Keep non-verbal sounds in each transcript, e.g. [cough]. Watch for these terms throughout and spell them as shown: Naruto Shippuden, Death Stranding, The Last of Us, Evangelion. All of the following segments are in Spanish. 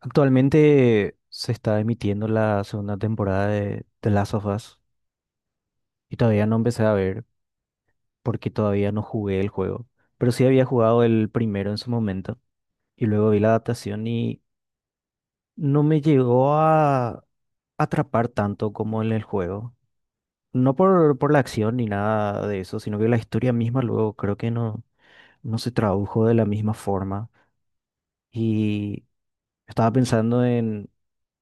Actualmente se está emitiendo la segunda temporada de The Last of Us y todavía no empecé a ver porque todavía no jugué el juego. Pero sí había jugado el primero en su momento y luego vi la adaptación y no me llegó a atrapar tanto como en el juego. No por la acción ni nada de eso, sino que la historia misma luego creo que no, no se tradujo de la misma forma. Y estaba pensando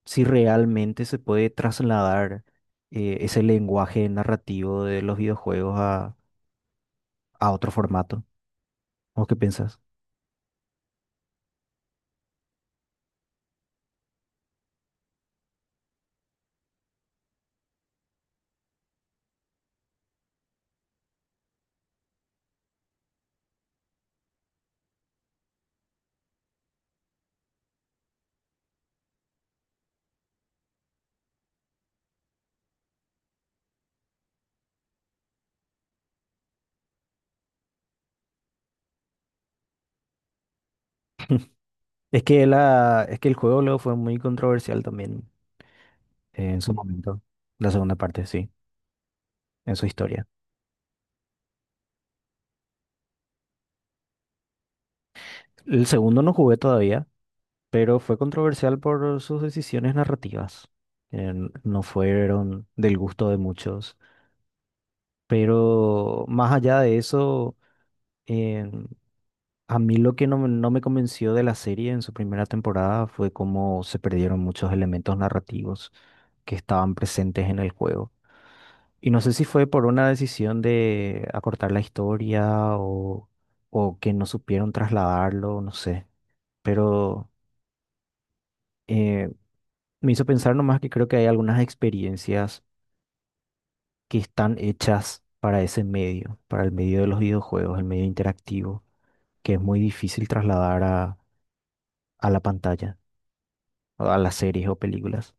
si realmente se puede trasladar ese lenguaje narrativo de los videojuegos a otro formato. ¿O qué piensas? Es que el juego luego fue muy controversial también en su momento. La segunda parte, sí, en su historia. El segundo no jugué todavía, pero fue controversial por sus decisiones narrativas, no fueron del gusto de muchos. Pero más allá de eso, a mí lo que no, no me convenció de la serie en su primera temporada fue cómo se perdieron muchos elementos narrativos que estaban presentes en el juego. Y no sé si fue por una decisión de acortar la historia o que no supieron trasladarlo, no sé. Pero eh, me hizo pensar nomás que creo que hay algunas experiencias que están hechas para ese medio, para el medio de los videojuegos, el medio interactivo, que es muy difícil trasladar a la pantalla, a las series o películas.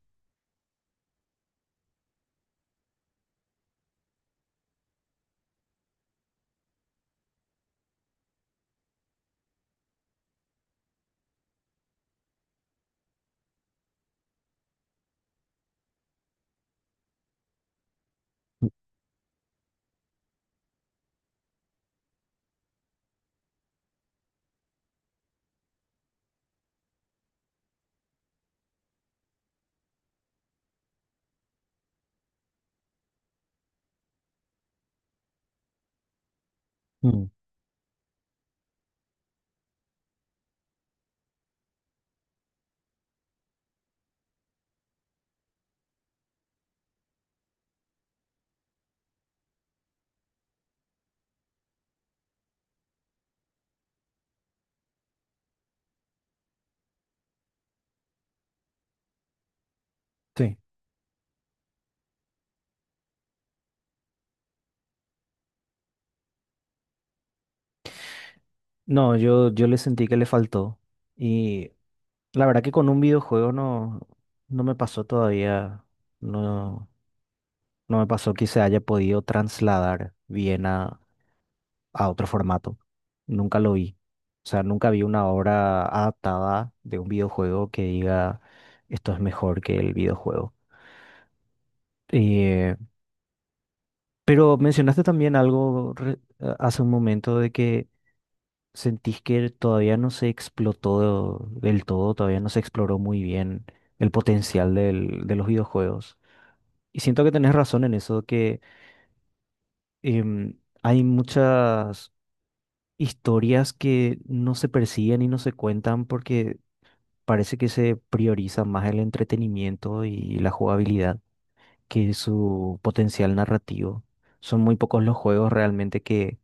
Mm, sí. No, yo le sentí que le faltó. Y la verdad que con un videojuego no, no me pasó todavía. No, no me pasó que se haya podido trasladar bien a otro formato. Nunca lo vi. O sea, nunca vi una obra adaptada de un videojuego que diga esto es mejor que el videojuego. Eh, pero mencionaste también algo hace un momento de que, ¿sentís que todavía no se explotó del todo, todavía no se exploró muy bien el potencial de los videojuegos? Y siento que tenés razón en eso, que hay muchas historias que no se persiguen y no se cuentan porque parece que se prioriza más el entretenimiento y la jugabilidad que su potencial narrativo. Son muy pocos los juegos realmente que,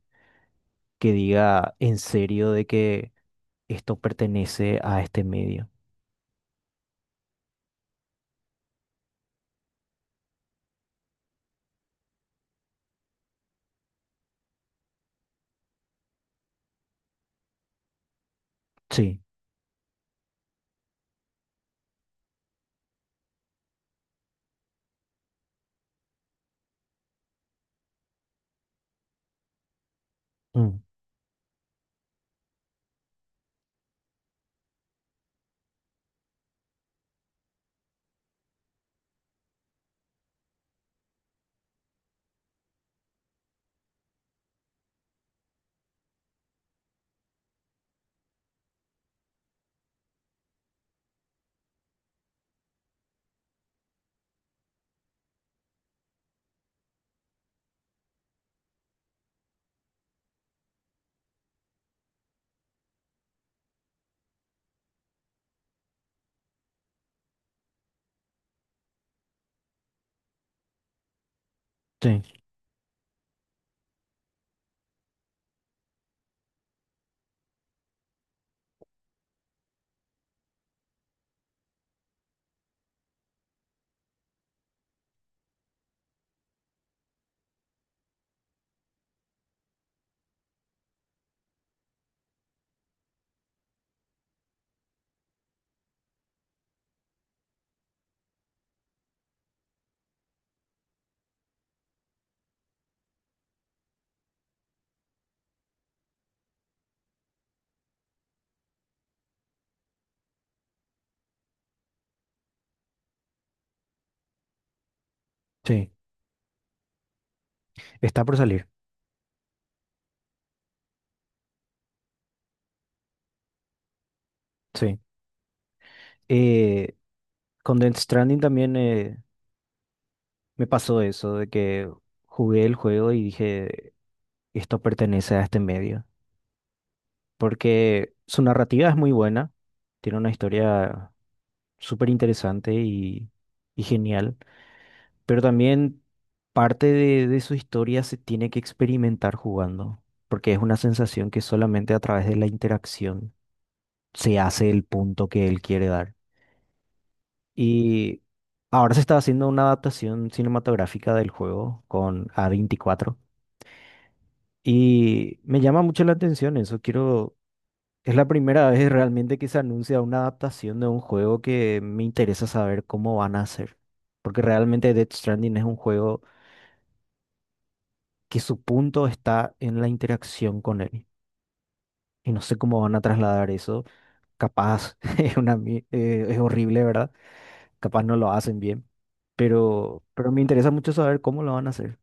que diga en serio de que esto pertenece a este medio. Sí. Mm, sí, sí. Está por salir, sí. Eh, con Death Stranding también me pasó eso, de que jugué el juego y dije, esto pertenece a este medio. Porque su narrativa es muy buena, tiene una historia súper interesante y genial, pero también parte de su historia se tiene que experimentar jugando, porque es una sensación que solamente a través de la interacción se hace el punto que él quiere dar. Y ahora se está haciendo una adaptación cinematográfica del juego con A24. Y me llama mucho la atención eso. Quiero. Es la primera vez realmente que se anuncia una adaptación de un juego que me interesa saber cómo van a hacer. Porque realmente Death Stranding es un juego que su punto está en la interacción con él. Y no sé cómo van a trasladar eso. Capaz [laughs] es horrible, ¿verdad? Capaz no lo hacen bien. Pero me interesa mucho saber cómo lo van a hacer.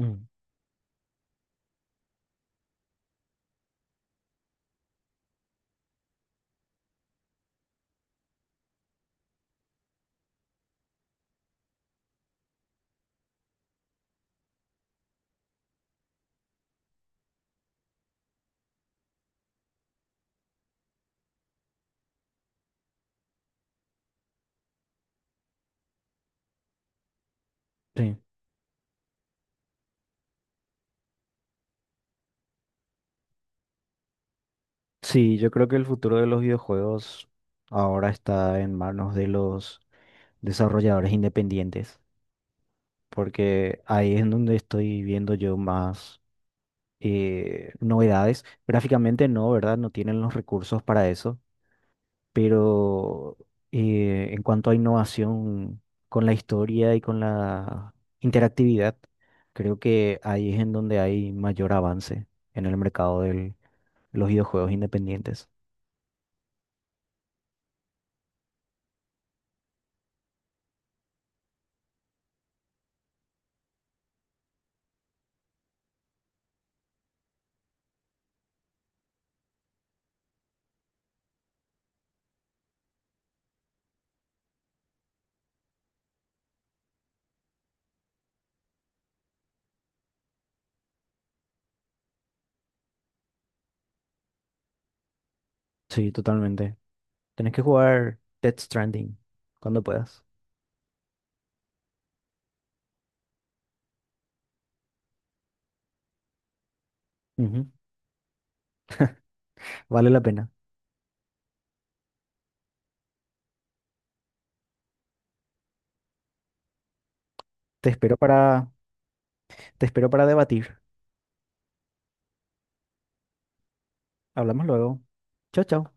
Mm, sí. Sí, yo creo que el futuro de los videojuegos ahora está en manos de los desarrolladores independientes, porque ahí es en donde estoy viendo yo más novedades. Gráficamente no, ¿verdad? No tienen los recursos para eso, pero en cuanto a innovación con la historia y con la interactividad, creo que ahí es en donde hay mayor avance en el mercado de los videojuegos independientes. Sí, totalmente. Tenés que jugar Death Stranding cuando puedas. Ujú, vale la pena. Te espero para, te espero para debatir. Hablamos luego. Chao, chao.